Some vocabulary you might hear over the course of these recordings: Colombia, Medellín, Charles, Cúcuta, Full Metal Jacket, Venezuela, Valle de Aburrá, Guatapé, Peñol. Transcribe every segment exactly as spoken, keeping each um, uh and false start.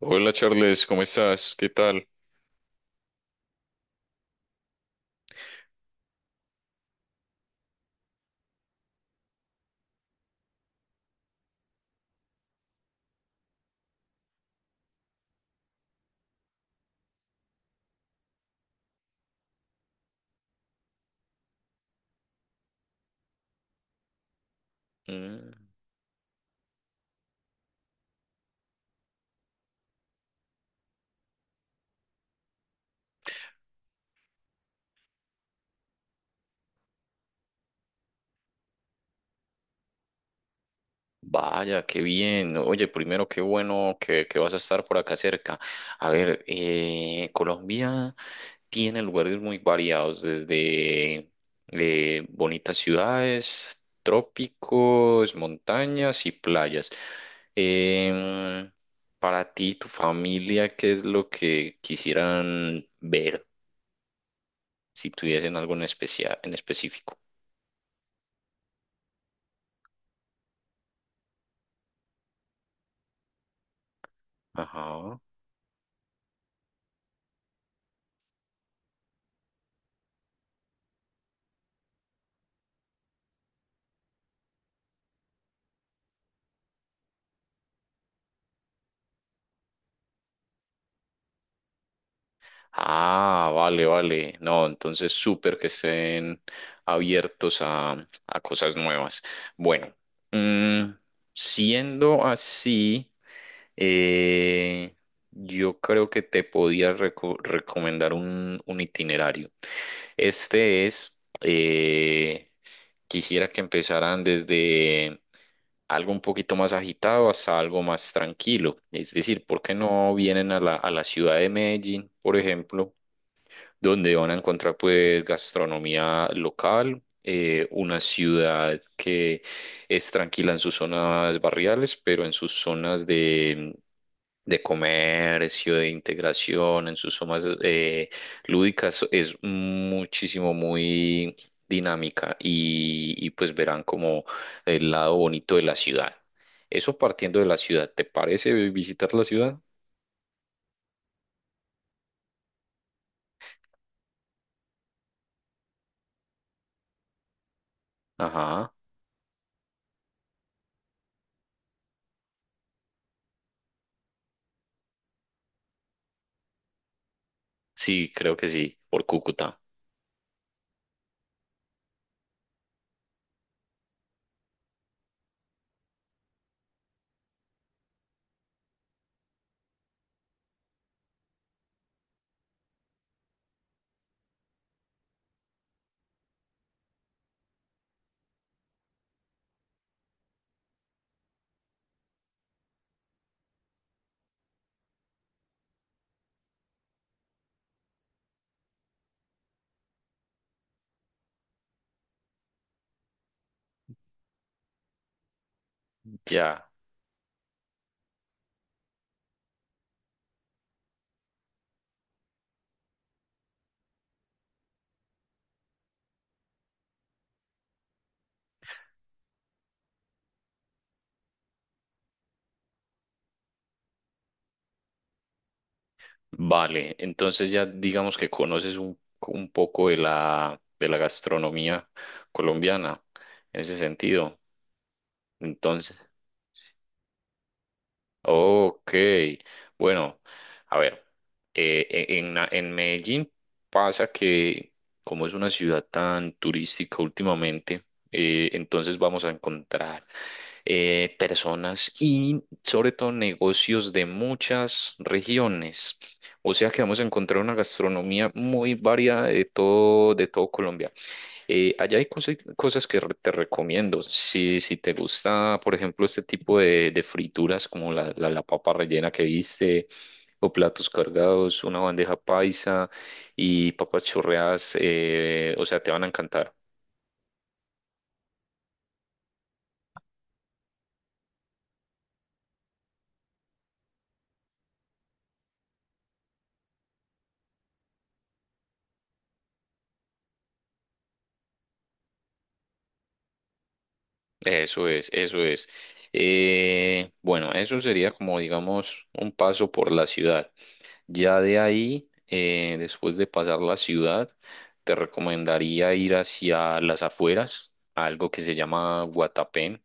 Hola Charles, ¿cómo estás? ¿Qué tal? Mm, vaya, qué bien. Oye, primero, qué bueno que, que vas a estar por acá cerca. A ver, eh, Colombia tiene lugares muy variados, desde eh, bonitas ciudades, trópicos, montañas y playas. Em, para ti, y tu familia, ¿qué es lo que quisieran ver si tuviesen algo en especial, en específico? Ajá. Ah, vale, vale. No, entonces súper que estén abiertos a, a cosas nuevas. Bueno, mm, siendo así, eh, yo creo que te podía reco- recomendar un, un itinerario. Este es, eh, quisiera que empezaran desde algo un poquito más agitado hasta algo más tranquilo. Es decir, ¿por qué no vienen a la, a la ciudad de Medellín, por ejemplo? Donde van a encontrar pues gastronomía local, eh, una ciudad que es tranquila en sus zonas barriales, pero en sus zonas de, de comercio, de integración, en sus zonas eh, lúdicas es muchísimo, muy dinámica y, y, pues verán como el lado bonito de la ciudad. Eso partiendo de la ciudad, ¿te parece visitar la ciudad? Ajá, sí, creo que sí, por Cúcuta. Ya. Vale, entonces ya digamos que conoces un, un poco de la, de la gastronomía colombiana en ese sentido. Entonces, ok, bueno, a ver, eh, e- en, la- en Medellín pasa que como es una ciudad tan turística últimamente, eh, entonces vamos a encontrar eh, personas y sobre todo negocios de muchas regiones. O sea que vamos a encontrar una gastronomía muy variada de todo, de todo Colombia. Eh, allá hay cosas, cosas que re- te recomiendo. Si, si te gusta, por ejemplo, este tipo de, de frituras como la, la, la papa rellena que viste, o platos cargados, una bandeja paisa y papas chorreadas, eh, o sea, te van a encantar. Eso es, eso es. Eh, bueno, eso sería como, digamos, un paso por la ciudad. Ya de ahí, eh, después de pasar la ciudad, te recomendaría ir hacia las afueras, a algo que se llama Guatapé.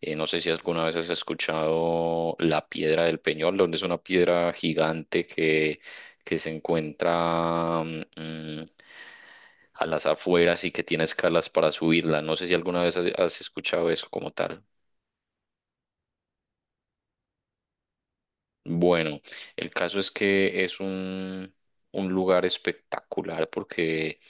Eh, no sé si alguna vez has escuchado la piedra del Peñol, donde es una piedra gigante que, que se encuentra mm, a las afueras y que tiene escalas para subirla. No sé si alguna vez has, has escuchado eso como tal. Bueno, el caso es que es un, un lugar espectacular porque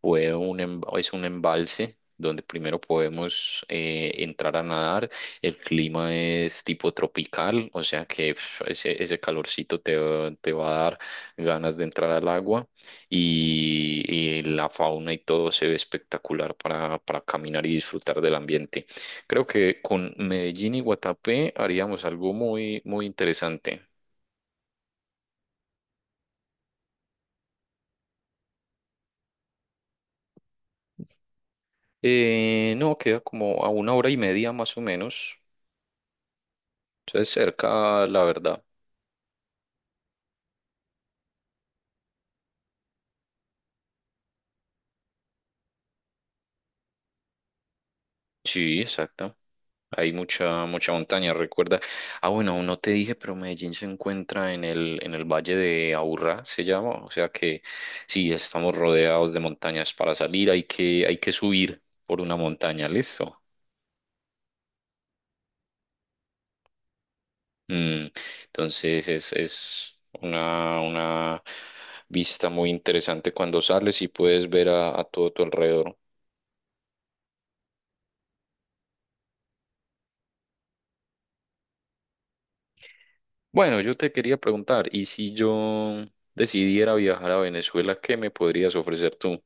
Fue un, em- es un embalse donde primero podemos eh, entrar a nadar. El clima es tipo tropical, o sea que pf, ese, ese calorcito te, va- te va a dar ganas de entrar al agua y, y la fauna y todo se ve espectacular para, para caminar y disfrutar del ambiente. Creo que con Medellín y Guatapé haríamos algo muy, muy interesante. Eh, no, queda como a una hora y media más o menos. Entonces cerca, la verdad. Sí, exacto. Hay mucha, mucha montaña, recuerda. Ah, bueno, no te dije, pero Medellín se encuentra en el, en el Valle de Aburrá, se llama. O sea que sí, estamos rodeados de montañas para salir, hay que, hay que subir por una montaña, ¿listo? Mm, entonces es, es una, una vista muy interesante cuando sales y puedes ver a, a todo tu alrededor. Bueno, yo te quería preguntar, ¿y si yo decidiera viajar a Venezuela, qué me podrías ofrecer tú?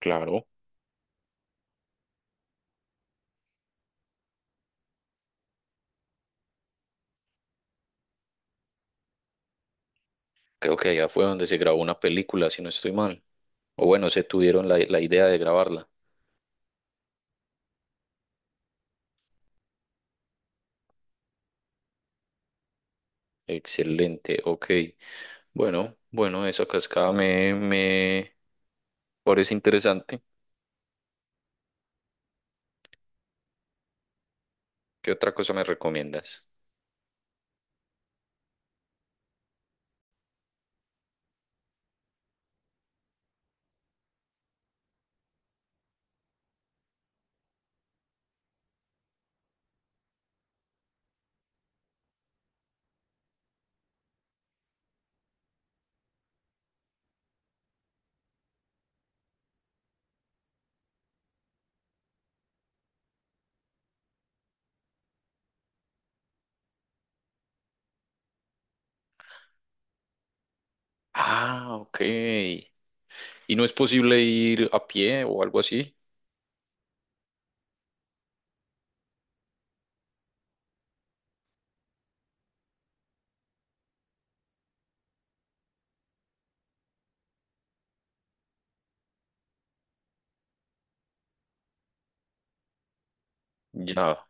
Claro, creo que allá fue donde se grabó una película, si no estoy mal. O bueno, se tuvieron la, la idea de grabarla. Excelente, ok. Bueno, bueno, esa cascada me, me parece interesante. ¿Qué otra cosa me recomiendas? Ah, ok. ¿Y no es posible ir a pie o algo así? Ya,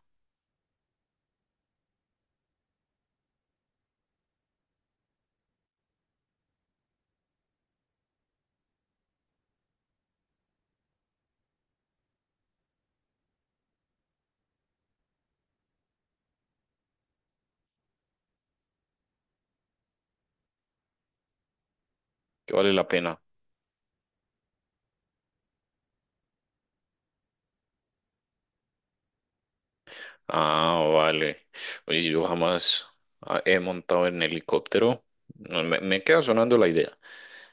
que vale la pena. Ah, vale. Oye, yo jamás ah, he montado en helicóptero. No, Me, me queda sonando la idea.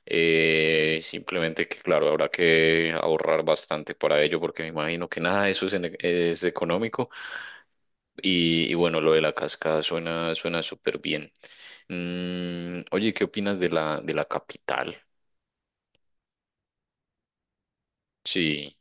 Eh, simplemente que, claro, habrá que ahorrar bastante para ello porque me imagino que nada de eso es, en- e, es económico. Y, y bueno, lo de la cascada suena suena súper bien. Mm, oye, ¿qué opinas de la, de la capital? Sí,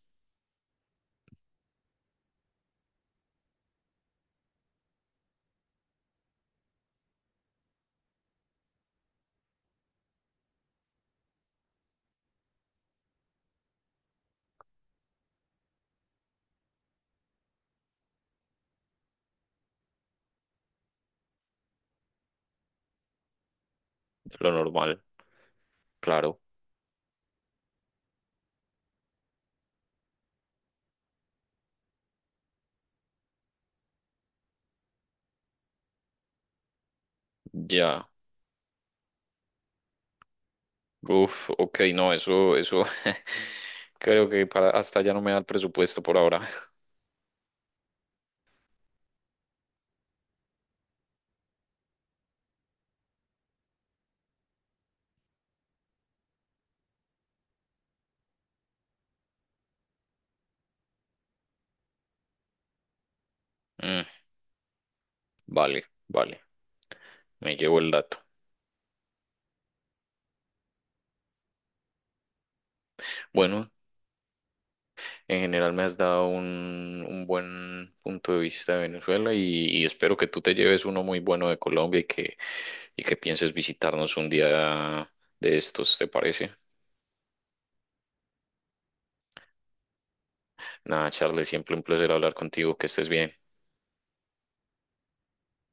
lo normal, claro. Ya. Uf, ok, no, eso, eso, creo que para hasta ya no me da el presupuesto por ahora. Mm, vale, vale, me llevo el dato. Bueno, en general me has dado un, un buen punto de vista de Venezuela y, y espero que tú te lleves uno muy bueno de Colombia y que, y que pienses visitarnos un día de estos, ¿te parece? Nada, Charles, siempre un placer hablar contigo, que estés bien.